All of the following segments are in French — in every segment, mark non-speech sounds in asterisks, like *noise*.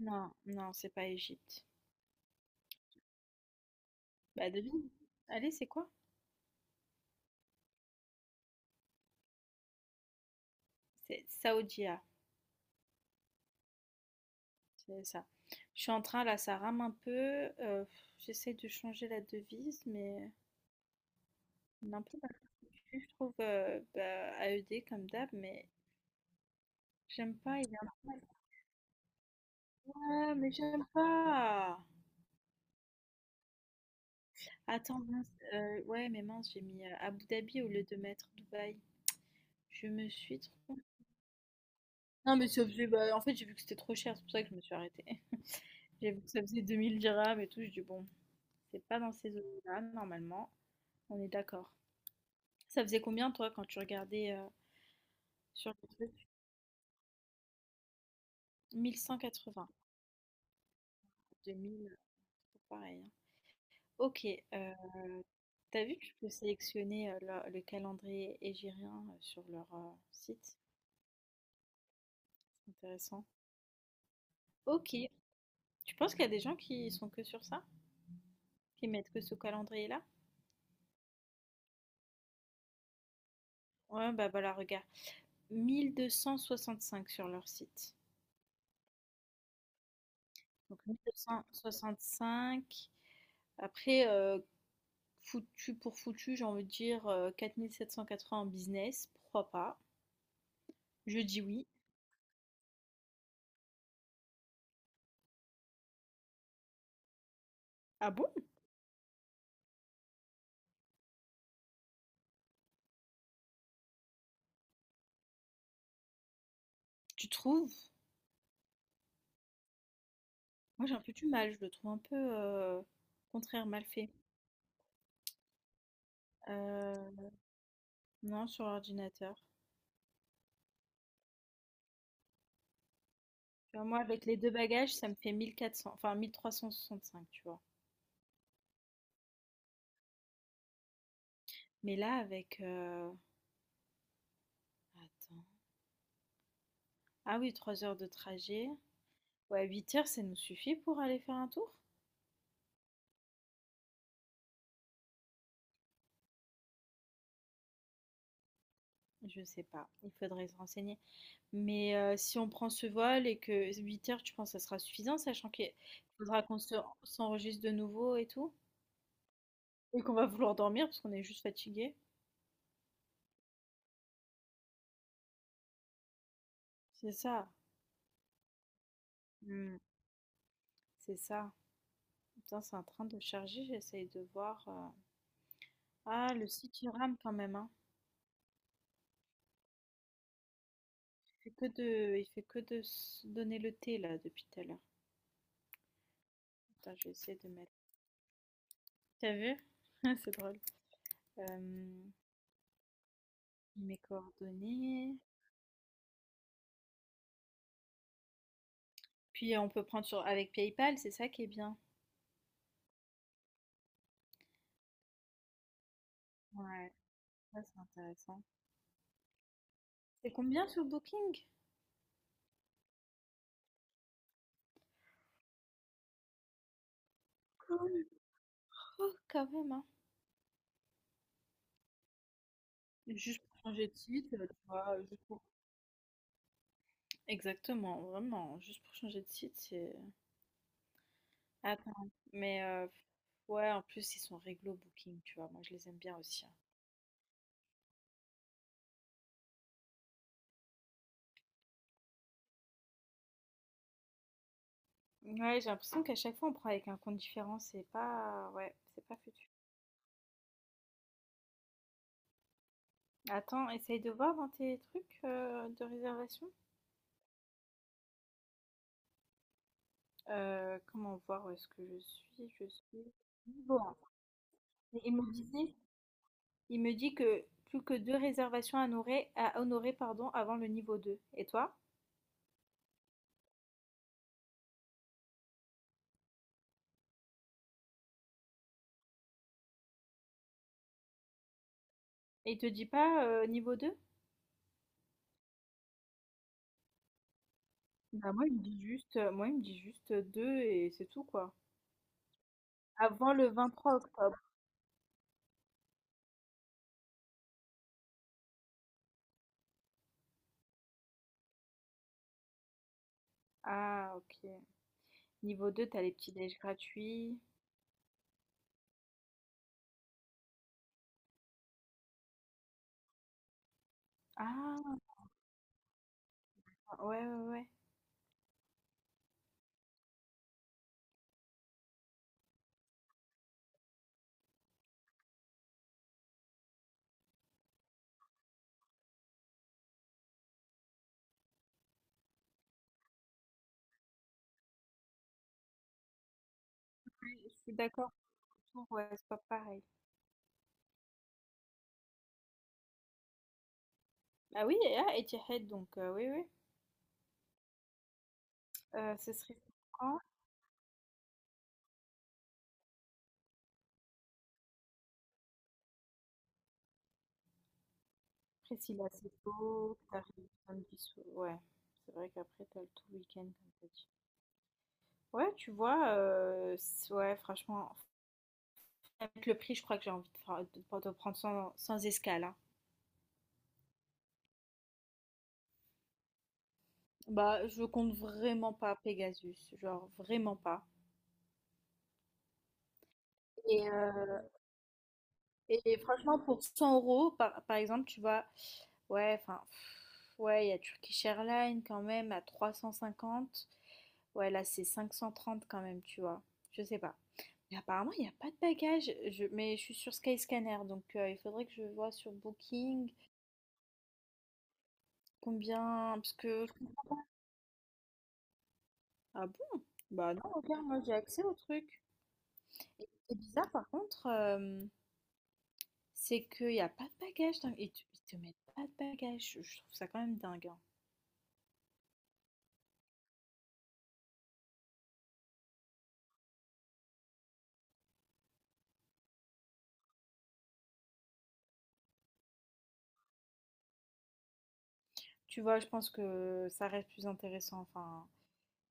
Non, non, c'est pas Égypte. Bah devine. Allez, c'est quoi? C'est Saoudia, c'est ça. Je suis en train là, ça rame un peu. J'essaie de changer la devise, mais on est un peu mal foutu, je trouve, bah, AED comme d'hab, mais j'aime pas. Il est un peu mal- Ah, mais j'aime pas. Attends, mince, ouais, mais mince, j'ai mis Abu Dhabi au lieu de mettre Dubaï. Je me suis trompée. Non, mais ça faisait, bah, en fait, j'ai vu que c'était trop cher, c'est pour ça que je me suis arrêtée. *laughs* J'ai vu que ça faisait 2000 dirhams et tout, je dis bon. C'est pas dans ces zones-là, normalement. On est d'accord. Ça faisait combien, toi, quand tu regardais sur le truc? 1180. 2000, c'est pareil, hein. Ok. euh, T'as vu que tu peux sélectionner le calendrier égyrien sur leur site? C'est intéressant. Ok. Tu penses qu'il y a des gens qui sont que sur ça? Qui mettent que ce calendrier-là? Ouais, bah voilà, regarde. 1265 sur leur site. Donc 1265. Après, foutu pour foutu, j'ai envie de dire 4780 en business, pourquoi pas? Je dis oui. Ah bon? Tu trouves? Moi j'ai un peu du mal, je le trouve un peu contraire mal fait. Euh, non, sur l'ordinateur. Tu vois, moi avec les deux bagages, ça me fait 1400, enfin 1365, tu vois. Mais là avec... attends. Ah oui, 3 heures de trajet. Ouais, 8 heures, ça nous suffit pour aller faire un tour? Je sais pas, il faudrait se renseigner. Mais si on prend ce vol et que 8 heures, tu penses que ça sera suffisant? Sachant qu'il faudra qu'on se s'enregistre de nouveau et tout? Et qu'on va vouloir dormir parce qu'on est juste fatigué? C'est ça. Mmh, c'est ça. Putain, c'est en train de charger, j'essaye de voir, ah, le site, il rame quand même, hein. Il fait que de se donner le thé, là, depuis tout à l'heure. Attends, je vais essayer de mettre T'as vu? *laughs* C'est drôle. Hem, mes coordonnées. Puis on peut prendre sur avec PayPal, c'est ça qui est bien. Ouais, ça, c'est intéressant. C'est combien sur Booking? Cool. Oh, quand même, hein. Juste pour changer de site, tu vois, exactement, vraiment, juste pour changer de site, c'est... Attends, mais ouais, en plus, ils sont réglo Booking, tu vois, moi je les aime bien aussi, hein. Ouais, j'ai l'impression qu'à chaque fois, on prend avec un compte différent, c'est pas... Ouais, c'est pas foutu. Attends, essaye de voir dans tes trucs de réservation. Comment voir où est-ce que je suis? Je suis... Bon, immobilisé. Il me dit que plus que deux réservations à honorer pardon, avant le niveau 2. Et toi? Et il te dit pas niveau deux? Bah moi il me dit juste 2 et c'est tout quoi. Avant le 23 octobre. Ah ok. Niveau 2, t'as les petits déj gratuits. Ah ouais ouais ouais. Je suis d'accord pour tout, ouais, c'est pas pareil. Ah oui, et ah, Etihad donc oui oui. Ce serait pour quand? Priscilla, c'est tôt, t'arrives samedi soir. Ouais. C'est vrai qu'après t'as le tout week-end comme ça. Ouais, tu vois, ouais, franchement, avec le prix, je crois que j'ai envie de, de prendre sans escale, hein. Bah, je compte vraiment pas Pegasus, genre vraiment pas. Et, euh, et franchement, pour 100 euros, par exemple, tu vois, ouais, enfin, pff, ouais, il y a Turkish Airlines quand même à 350. Ouais, là, c'est 530 quand même, tu vois. Je sais pas. Mais apparemment, il n'y a pas de bagages, mais je suis sur Skyscanner, donc il faudrait que je vois sur Booking. Combien? Parce que ah bon? Bah non, regarde, moi j'ai accès au truc. Et ce bizarre par contre, c'est qu'il n'y a pas de bagages. Dingue. Et tu- ils te mettent pas de bagages. Je trouve ça quand même dingue, hein. Tu vois, je pense que ça reste plus intéressant. Enfin,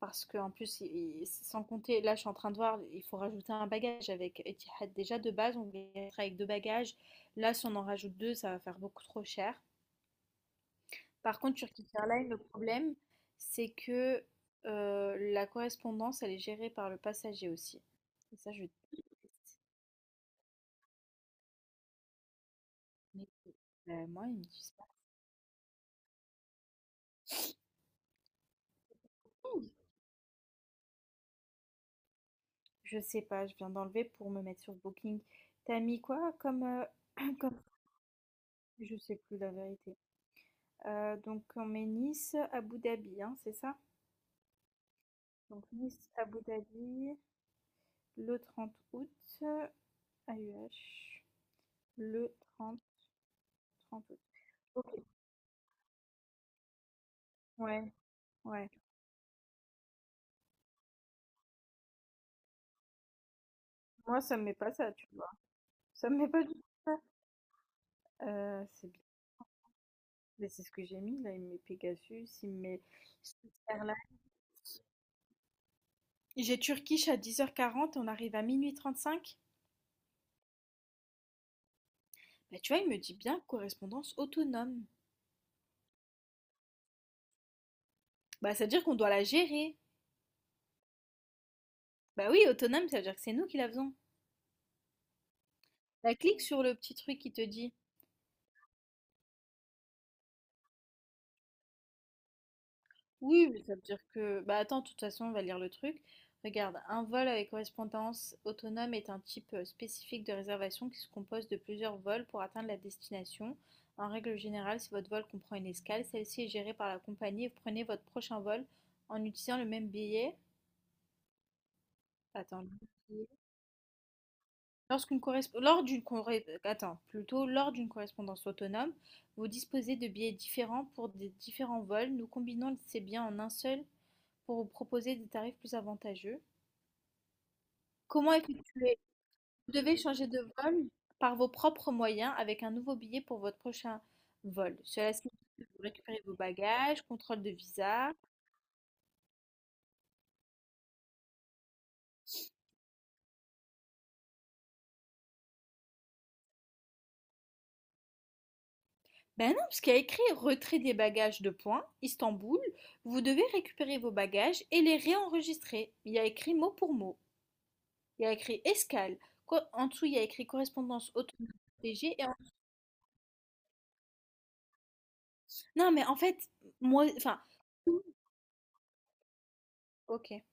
parce qu'en plus, sans compter, là je suis en train de voir, il faut rajouter un bagage avec Etihad. Déjà de base, on voulait être avec deux bagages. Là, si on en rajoute deux, ça va faire beaucoup trop cher. Par contre, Turkish Airlines, le problème, c'est que la correspondance, elle est gérée par le passager aussi. Et ça, je déteste. Mais moi, ils me pas. Je sais pas, je viens d'enlever pour me mettre sur Booking. T'as mis quoi comme, *clears throat* comme... Je sais plus la vérité. Donc, on met Nice, Abu Dhabi, hein, c'est ça? Donc, Nice, Abu Dhabi, le 30 août, AUH, le 30 30 août. Ok. Ouais, ouais. Moi, ça me met pas ça, tu vois. Ça me met pas du tout ça. C'est bien. Mais c'est ce que j'ai mis là. Il me met Pegasus, il me met Switzerland. J'ai Turkish à 10h40 et on arrive à 0h35. Bah, tu vois, il me dit bien correspondance autonome. Bah, ça veut dire qu'on doit la gérer. Bah oui, autonome, ça veut dire que c'est nous qui la faisons. Bah, clique sur le petit truc qui te dit. Oui, mais ça veut dire que... Bah attends, de toute façon, on va lire le truc. Regarde, un vol avec correspondance autonome est un type spécifique de réservation qui se compose de plusieurs vols pour atteindre la destination. En règle générale, si votre vol comprend une escale, celle-ci est gérée par la compagnie et vous prenez votre prochain vol en utilisant le même billet. Attends, le billet. Lorsqu'une corresp- lors d'une corré- Attends, plutôt lors d'une correspondance autonome, vous disposez de billets différents pour des différents vols. Nous combinons ces biens en un seul pour vous proposer des tarifs plus avantageux. Comment effectuer? Vous devez changer de vol par vos propres moyens avec un nouveau billet pour votre prochain vol. Cela signifie que vous récupérez vos bagages, contrôle de visa. Ben non, parce qu'il y a écrit retrait des bagages de points, Istanbul. Vous devez récupérer vos bagages et les réenregistrer. Il y a écrit mot pour mot. Il y a écrit escale. En dessous, il y a écrit correspondance automatique. et en- Non, mais en fait, moi, enfin, ok.